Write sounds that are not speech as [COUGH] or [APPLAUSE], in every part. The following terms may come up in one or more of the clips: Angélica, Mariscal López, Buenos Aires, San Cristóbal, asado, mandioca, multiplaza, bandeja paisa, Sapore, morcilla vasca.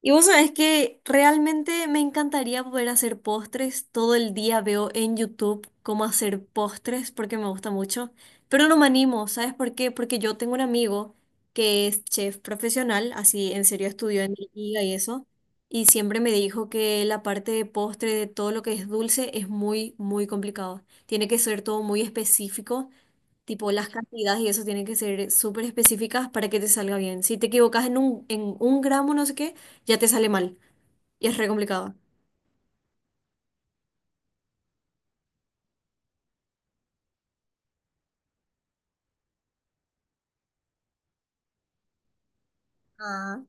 Y vos sabés que realmente me encantaría poder hacer postres. Todo el día veo en YouTube cómo hacer postres porque me gusta mucho. Pero no me animo, ¿sabes por qué? Porque yo tengo un amigo que es chef profesional, así en serio estudió en liga y eso. Y siempre me dijo que la parte de postre, de todo lo que es dulce, es muy, muy complicado. Tiene que ser todo muy específico. Tipo, las cantidades y eso tienen que ser súper específicas para que te salga bien. Si te equivocas en un gramo, no sé qué, ya te sale mal. Y es re complicado. Ah,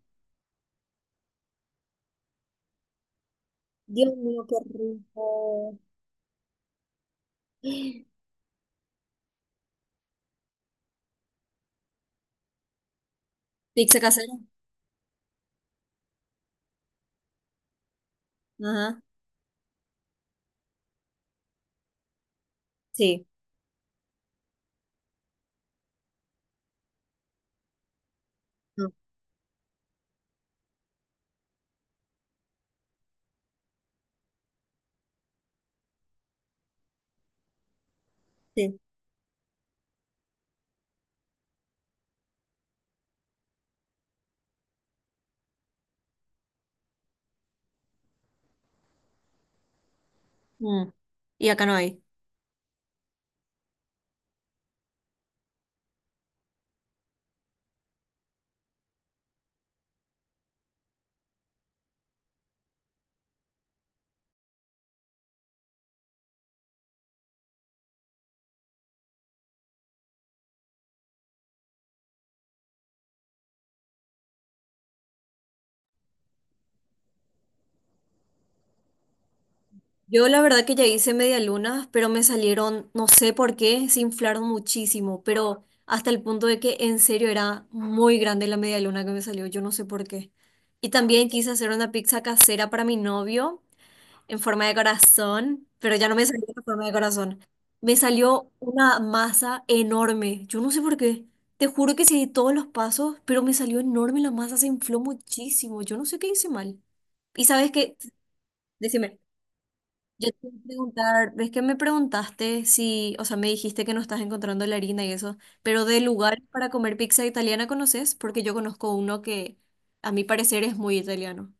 Dios mío, qué rico. [GASPS] Pizza casera. Ajá. Sí. No, sí. Mm. Y acá no hay. Yo la verdad que ya hice media luna, pero me salieron, no sé por qué, se inflaron muchísimo, pero hasta el punto de que en serio era muy grande la media luna que me salió, yo no sé por qué. Y también quise hacer una pizza casera para mi novio en forma de corazón, pero ya no me salió en forma de corazón. Me salió una masa enorme, yo no sé por qué. Te juro que seguí todos los pasos, pero me salió enorme la masa, se infló muchísimo, yo no sé qué hice mal. Y sabes qué, decime. Yo te iba a preguntar, ves que me preguntaste si, o sea, me dijiste que no estás encontrando la harina y eso, pero de lugares para comer pizza italiana conoces, porque yo conozco uno que a mi parecer es muy italiano.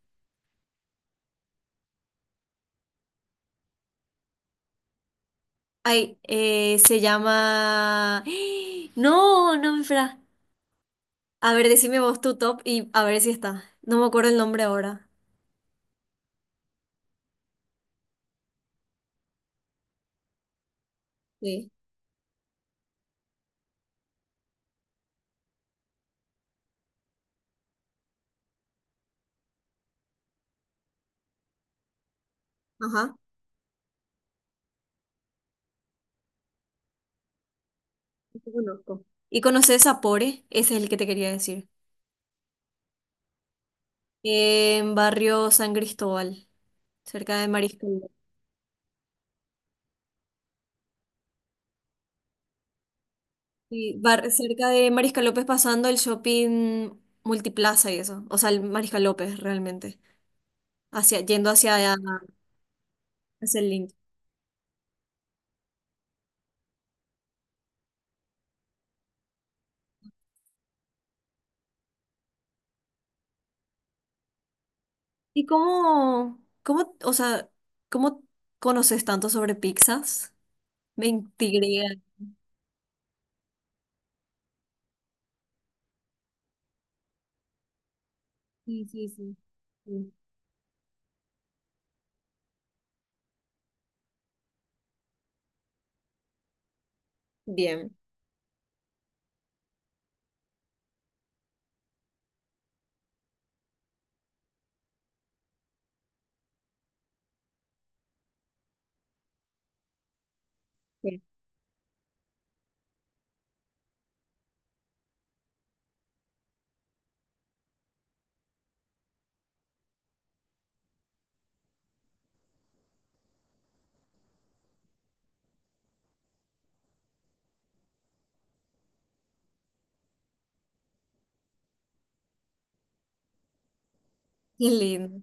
Ay, se llama... [GASPS] No, no me espera. A ver, decime vos tu top y a ver si está. No me acuerdo el nombre ahora. Sí. Ajá. Ese conozco. ¿Y conoces Sapore? Ese es el que te quería decir. En barrio San Cristóbal, cerca de Mariscal. Sí, bar- cerca de Mariscal López pasando el shopping multiplaza y eso. O sea, el Mariscal López realmente. Hacia, yendo hacia, allá, hacia el link. ¿Y o sea, cómo conoces tanto sobre pizzas? Me intriga. Sí, sí, sí. Sí. Bien. Sí. Qué lindo.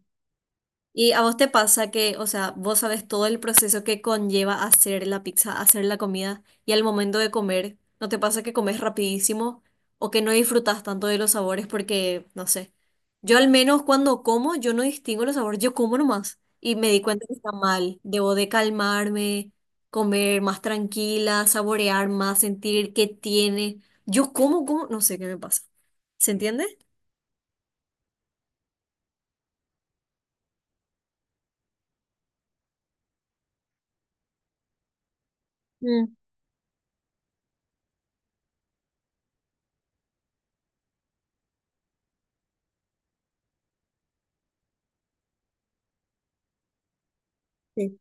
¿Y a vos te pasa que, o sea, vos sabes todo el proceso que conlleva hacer la pizza, hacer la comida y al momento de comer, ¿no te pasa que comes rapidísimo o que no disfrutas tanto de los sabores? Porque, no sé, yo al menos cuando como, yo no distingo los sabores, yo como nomás y me di cuenta que está mal. Debo de calmarme, comer más tranquila, saborear más, sentir qué tiene. Yo como, como, no sé qué me pasa. ¿Se entiende? Mm, sí.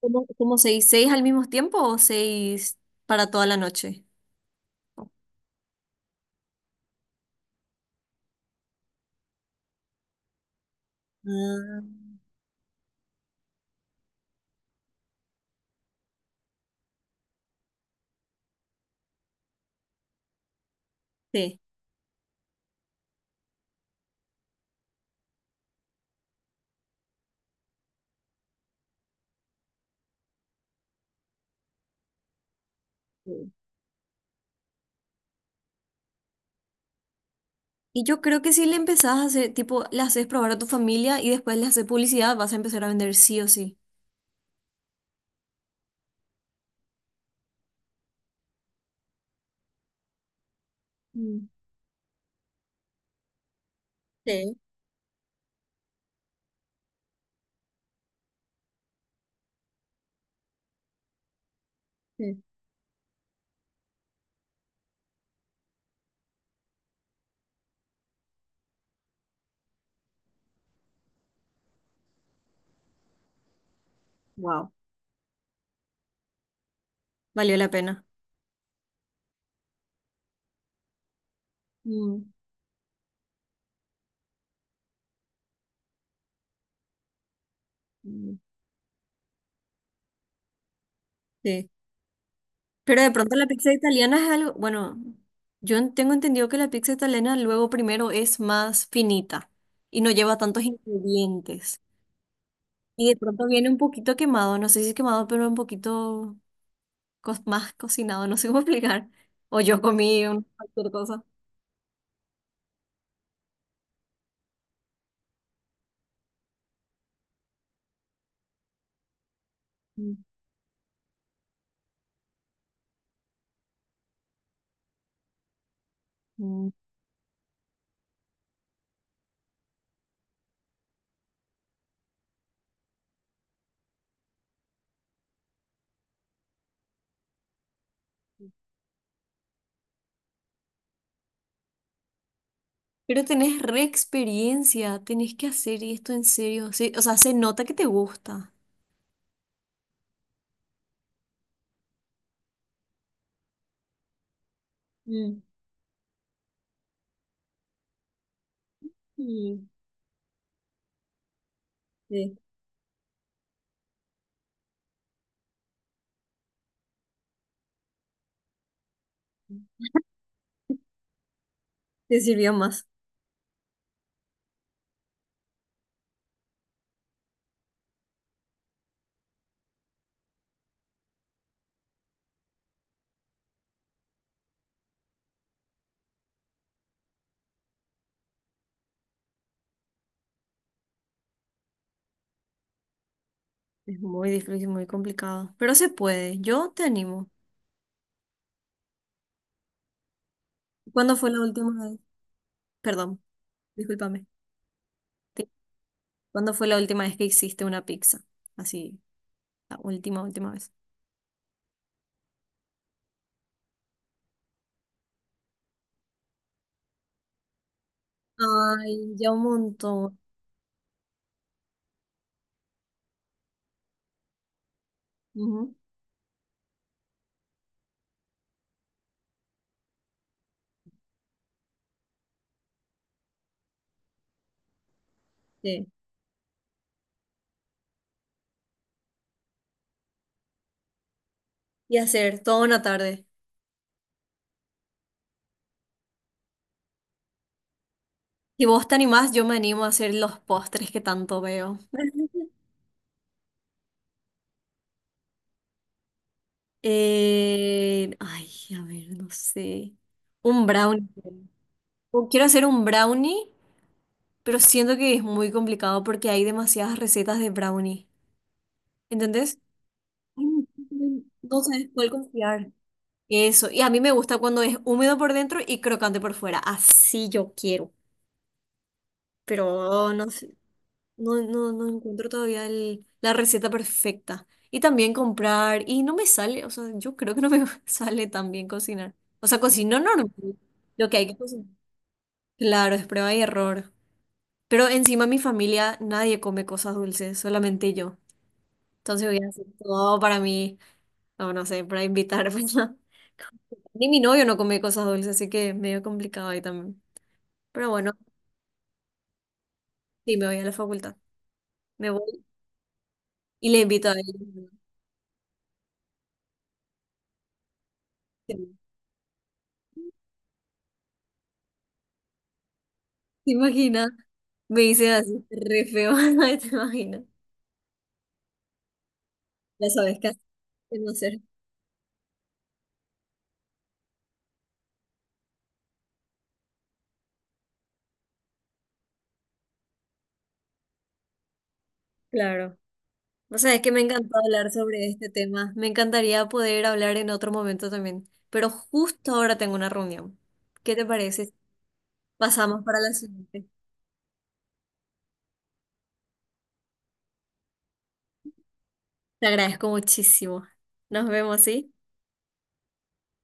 ¿Cómo seis? ¿Seis al mismo tiempo o seis para toda la noche? Ah, sí. Sí. Y yo creo que si le empezás a hacer, tipo, le haces probar a tu familia y después le haces publicidad, vas a empezar a vender sí o sí. Mm. Sí, sí. Wow, valió la pena. Mm. Mm. Sí. Pero de pronto la pizza italiana es algo, bueno, yo en- tengo entendido que la pizza italiana luego primero es más finita y no lleva tantos ingredientes. Y de pronto viene un poquito quemado, no sé si es quemado, pero un poquito co- más cocinado, no sé cómo [LAUGHS] explicar. O yo comí un- cualquier cosa. Ujú. Pero tenés re experiencia, tenés que hacer esto en serio. Sí, o sea, se nota que te gusta. Mm. Mm. Sí, te sirvió más. Es muy difícil, muy complicado. Pero se puede, yo te animo. ¿Cuándo fue la última vez? Perdón, discúlpame. Te- ¿Cuándo fue la última vez que hiciste una pizza? Así, la última vez. Ay, ya un montón. Ujú. Sí. Y hacer toda una tarde. Si vos te animás, yo me animo a hacer los postres que tanto veo. [LAUGHS] Eh, ay, a ver, no sé. Un brownie. O quiero hacer un brownie, pero siento que es muy complicado porque hay demasiadas recetas de brownie. ¿Entendés? Ay, no sabes cuál confiar. Eso. Y a mí me gusta cuando es húmedo por dentro y crocante por fuera. Así yo quiero. Pero no sé. No, encuentro todavía el- la receta perfecta. Y también comprar, y no me sale, o sea, yo creo que no me [LAUGHS] sale tan bien cocinar. O sea, cocino normal. Lo que hay que cocinar. Claro, es prueba y error. Pero encima mi familia, nadie come cosas dulces, solamente yo. Entonces voy a hacer todo para mí, no, no sé, para invitar. [LAUGHS] Pues, no. Ni mi novio no come cosas dulces, así que medio complicado ahí también. Pero bueno, sí, me voy a la facultad. Me voy y le invito a él. [LAUGHS] ¿Te imaginas? Me dicen así, re feo, [LAUGHS] ay, te imagino. Ya sabes qué hacer, qué no hacer. Claro. O sea, es que me encantó hablar sobre este tema. Me encantaría poder hablar en otro momento también. Pero justo ahora tengo una reunión. ¿Qué te parece? Pasamos para la siguiente. Te agradezco muchísimo. Nos vemos, ¿sí?